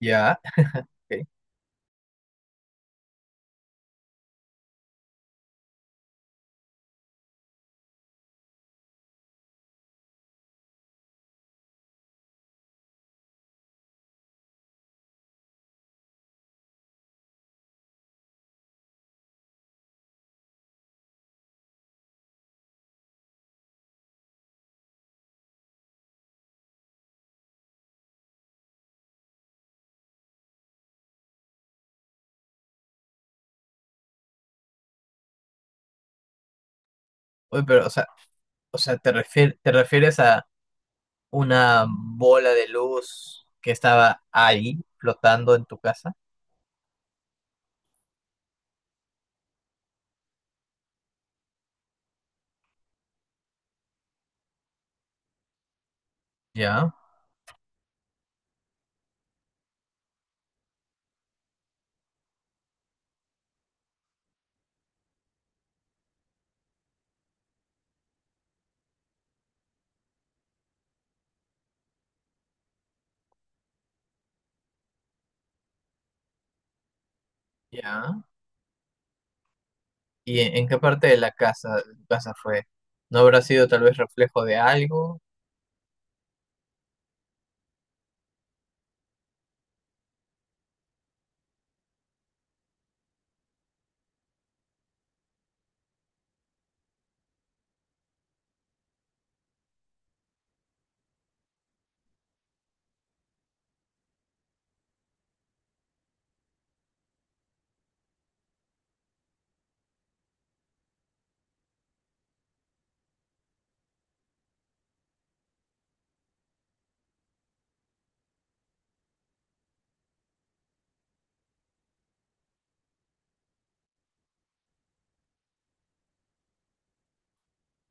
Ya. Oye, pero, o sea, te refieres a una bola de luz que estaba ahí flotando en tu casa. Ya, ya. ¿Y en qué parte de la casa, de tu casa fue? ¿No habrá sido tal vez reflejo de algo?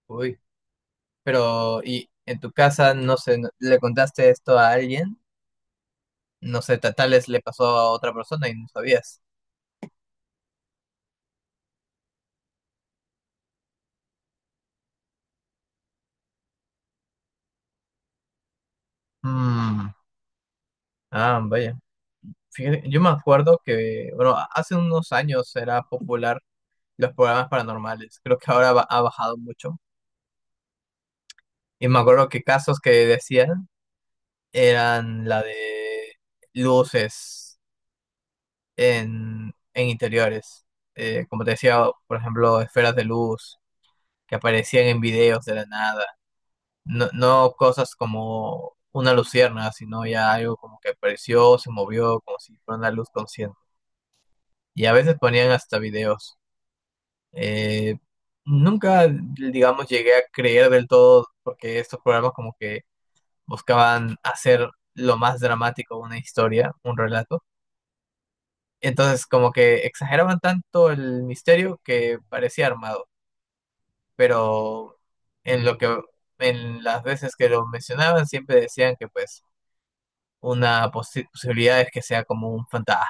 Uy, pero ¿y en tu casa no sé, le contaste esto a alguien? No sé, tal vez le pasó a otra persona y no sabías. Mm, Ah, vaya. Fíjate, yo me acuerdo que, bueno, hace unos años era popular los programas paranormales. Creo que ahora ha bajado mucho. Y me acuerdo que casos que decían eran la de luces en interiores. Como te decía, por ejemplo, esferas de luz que aparecían en videos de la nada. No, no cosas como una lucierna, sino ya algo como que apareció, se movió, como si fuera una luz consciente. Y a veces ponían hasta videos. Eh, nunca, Digamos, llegué a creer del todo, porque estos programas como que buscaban hacer lo más dramático una historia, un relato. Entonces, como que exageraban tanto el misterio que parecía armado, pero en lo que en las veces que lo mencionaban siempre decían que pues una posibilidad es que sea como un fantasma.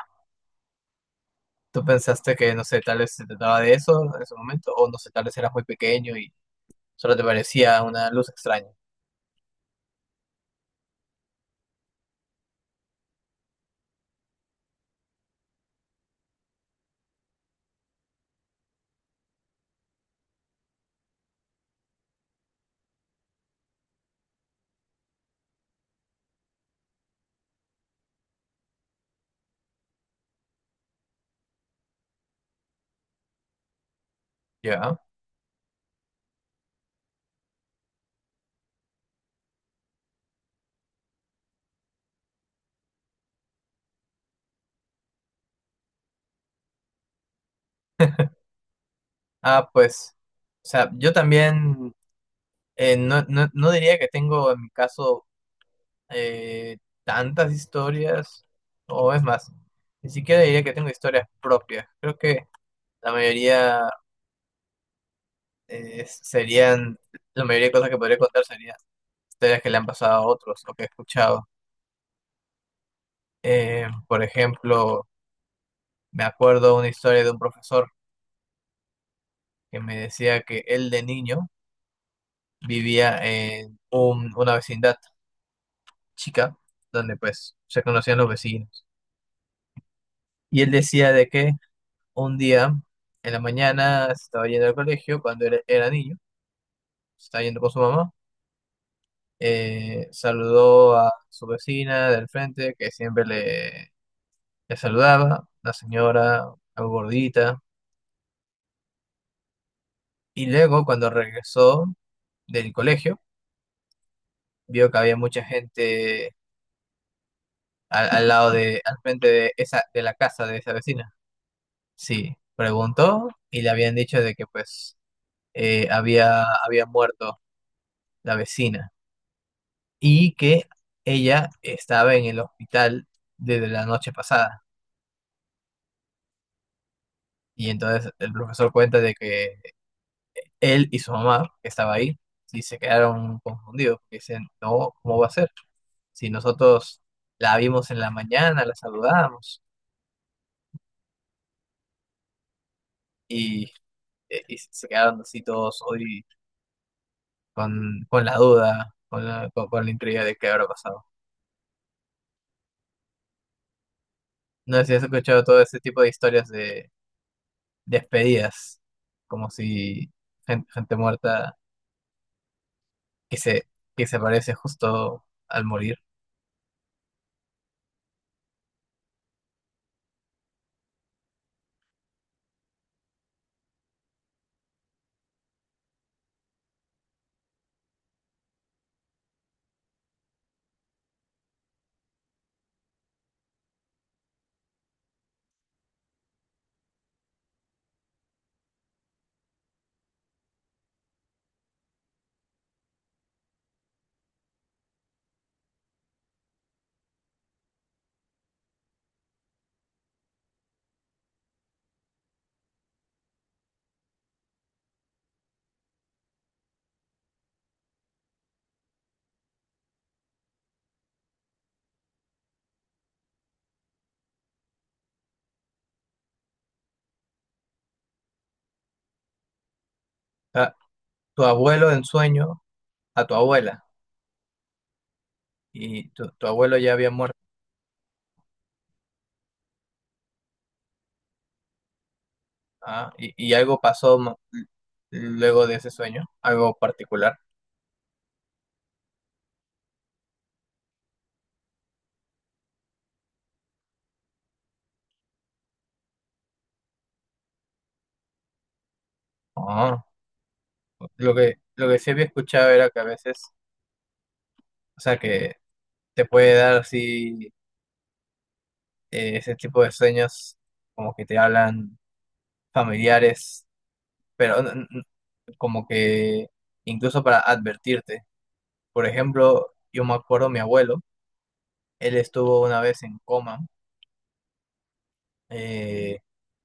¿Tú pensaste que, no sé, tal vez se trataba de eso en ese momento? O no sé, tal vez eras muy pequeño y solo te parecía una luz extraña. Ya. Ah, pues, o sea, yo también no diría que tengo en mi caso eh, tantas historias, o es más, ni siquiera diría que tengo historias propias. Creo que la mayoría eh, serían, la mayoría de cosas que podría contar serían historias que le han pasado a otros o que he escuchado. Por ejemplo, me acuerdo una historia de un profesor que me decía que él de niño vivía en una vecindad chica, donde pues se conocían los vecinos. Y él decía de que un día en la mañana se estaba yendo al colegio cuando era niño, se estaba yendo con su mamá, saludó a su vecina del frente que siempre le saludaba, la señora, algo gordita, y luego cuando regresó del colegio, vio que había mucha gente al lado de, al frente de esa, de la casa de esa vecina. Sí, preguntó y le habían dicho de que pues había muerto la vecina y que ella estaba en el hospital desde la noche pasada. Y entonces el profesor cuenta de que él y su mamá, que estaba ahí, y se quedaron confundidos, porque dicen, no, ¿cómo va a ser? Si nosotros la vimos en la mañana, la saludamos y, y se quedaron así todos hoy con la duda, con la intriga de qué habrá pasado. No sé si has escuchado todo ese tipo de historias de despedidas, como si gente muerta que se, que se aparece justo al morir. A tu abuelo en sueño, a tu abuela, y tu abuelo ya había muerto. Ah, y algo pasó luego de ese sueño, algo particular. Ah, lo que sí había escuchado era que a veces, o sea, que te puede dar así ese tipo de sueños, como que te hablan familiares pero como que incluso para advertirte. Por ejemplo, yo me acuerdo mi abuelo, él estuvo una vez en coma, eh,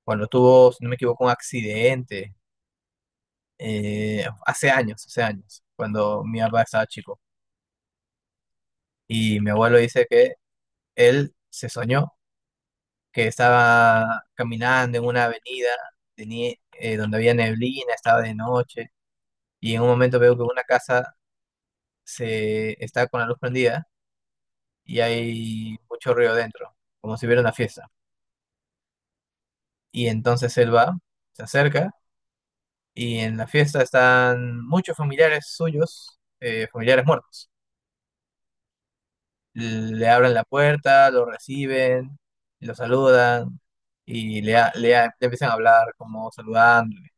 cuando tuvo, si no me equivoco, un accidente, hace años, cuando mi papá estaba chico. Y mi abuelo dice que él se soñó que estaba caminando en una avenida donde había neblina, estaba de noche, y en un momento veo que una casa se está con la luz prendida y hay mucho ruido dentro, como si hubiera una fiesta. Y entonces él va, se acerca y en la fiesta están muchos familiares suyos, familiares muertos. Le abren la puerta, lo reciben, lo saludan y le empiezan a hablar como saludándole,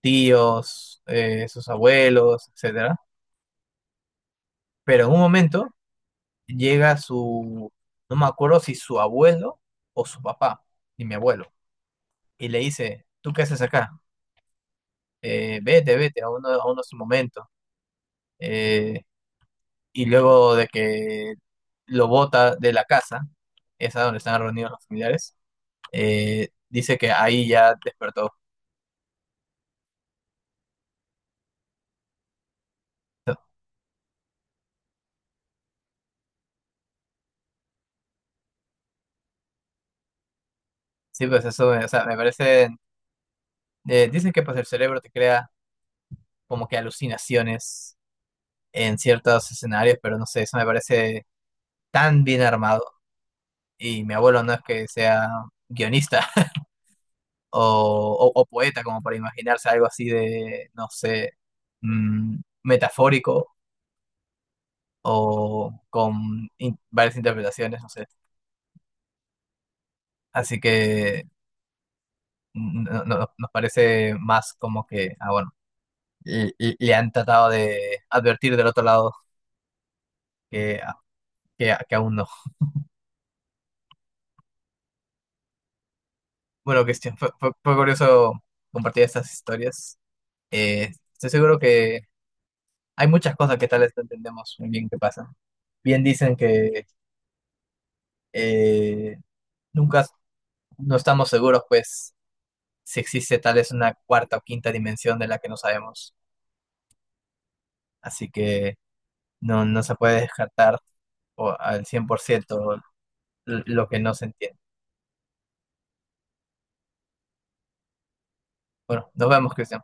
tíos, sus abuelos, etcétera. Pero en un momento llega no me acuerdo si su abuelo o su papá, y mi abuelo, y le dice, ¿tú qué haces acá? Vete, vete, a uno su momento. Eh, y luego de que lo bota de la casa, esa donde están reunidos los familiares, dice que ahí ya despertó. Sí, pues eso, o sea, me parece, dicen que pues el cerebro te crea como que alucinaciones en ciertos escenarios, pero no sé, eso me parece tan bien armado. Y mi abuelo no es que sea guionista, o poeta, como para imaginarse algo así de, no sé, mm, metafórico o con varias interpretaciones, no sé. Así que mm, nos parece más como que, ah, bueno, le han tratado de advertir del otro lado que, ah, que aún no. Bueno, Cristian, fue curioso compartir estas historias. Estoy seguro que hay muchas cosas que tal vez no entendemos muy bien que pasan. Bien dicen que eh, nunca no estamos seguros, pues, si existe tal vez una cuarta o quinta dimensión de la que no sabemos. Así que no, no se puede descartar al 100% lo que no se entiende. Bueno, nos vemos, Cristian.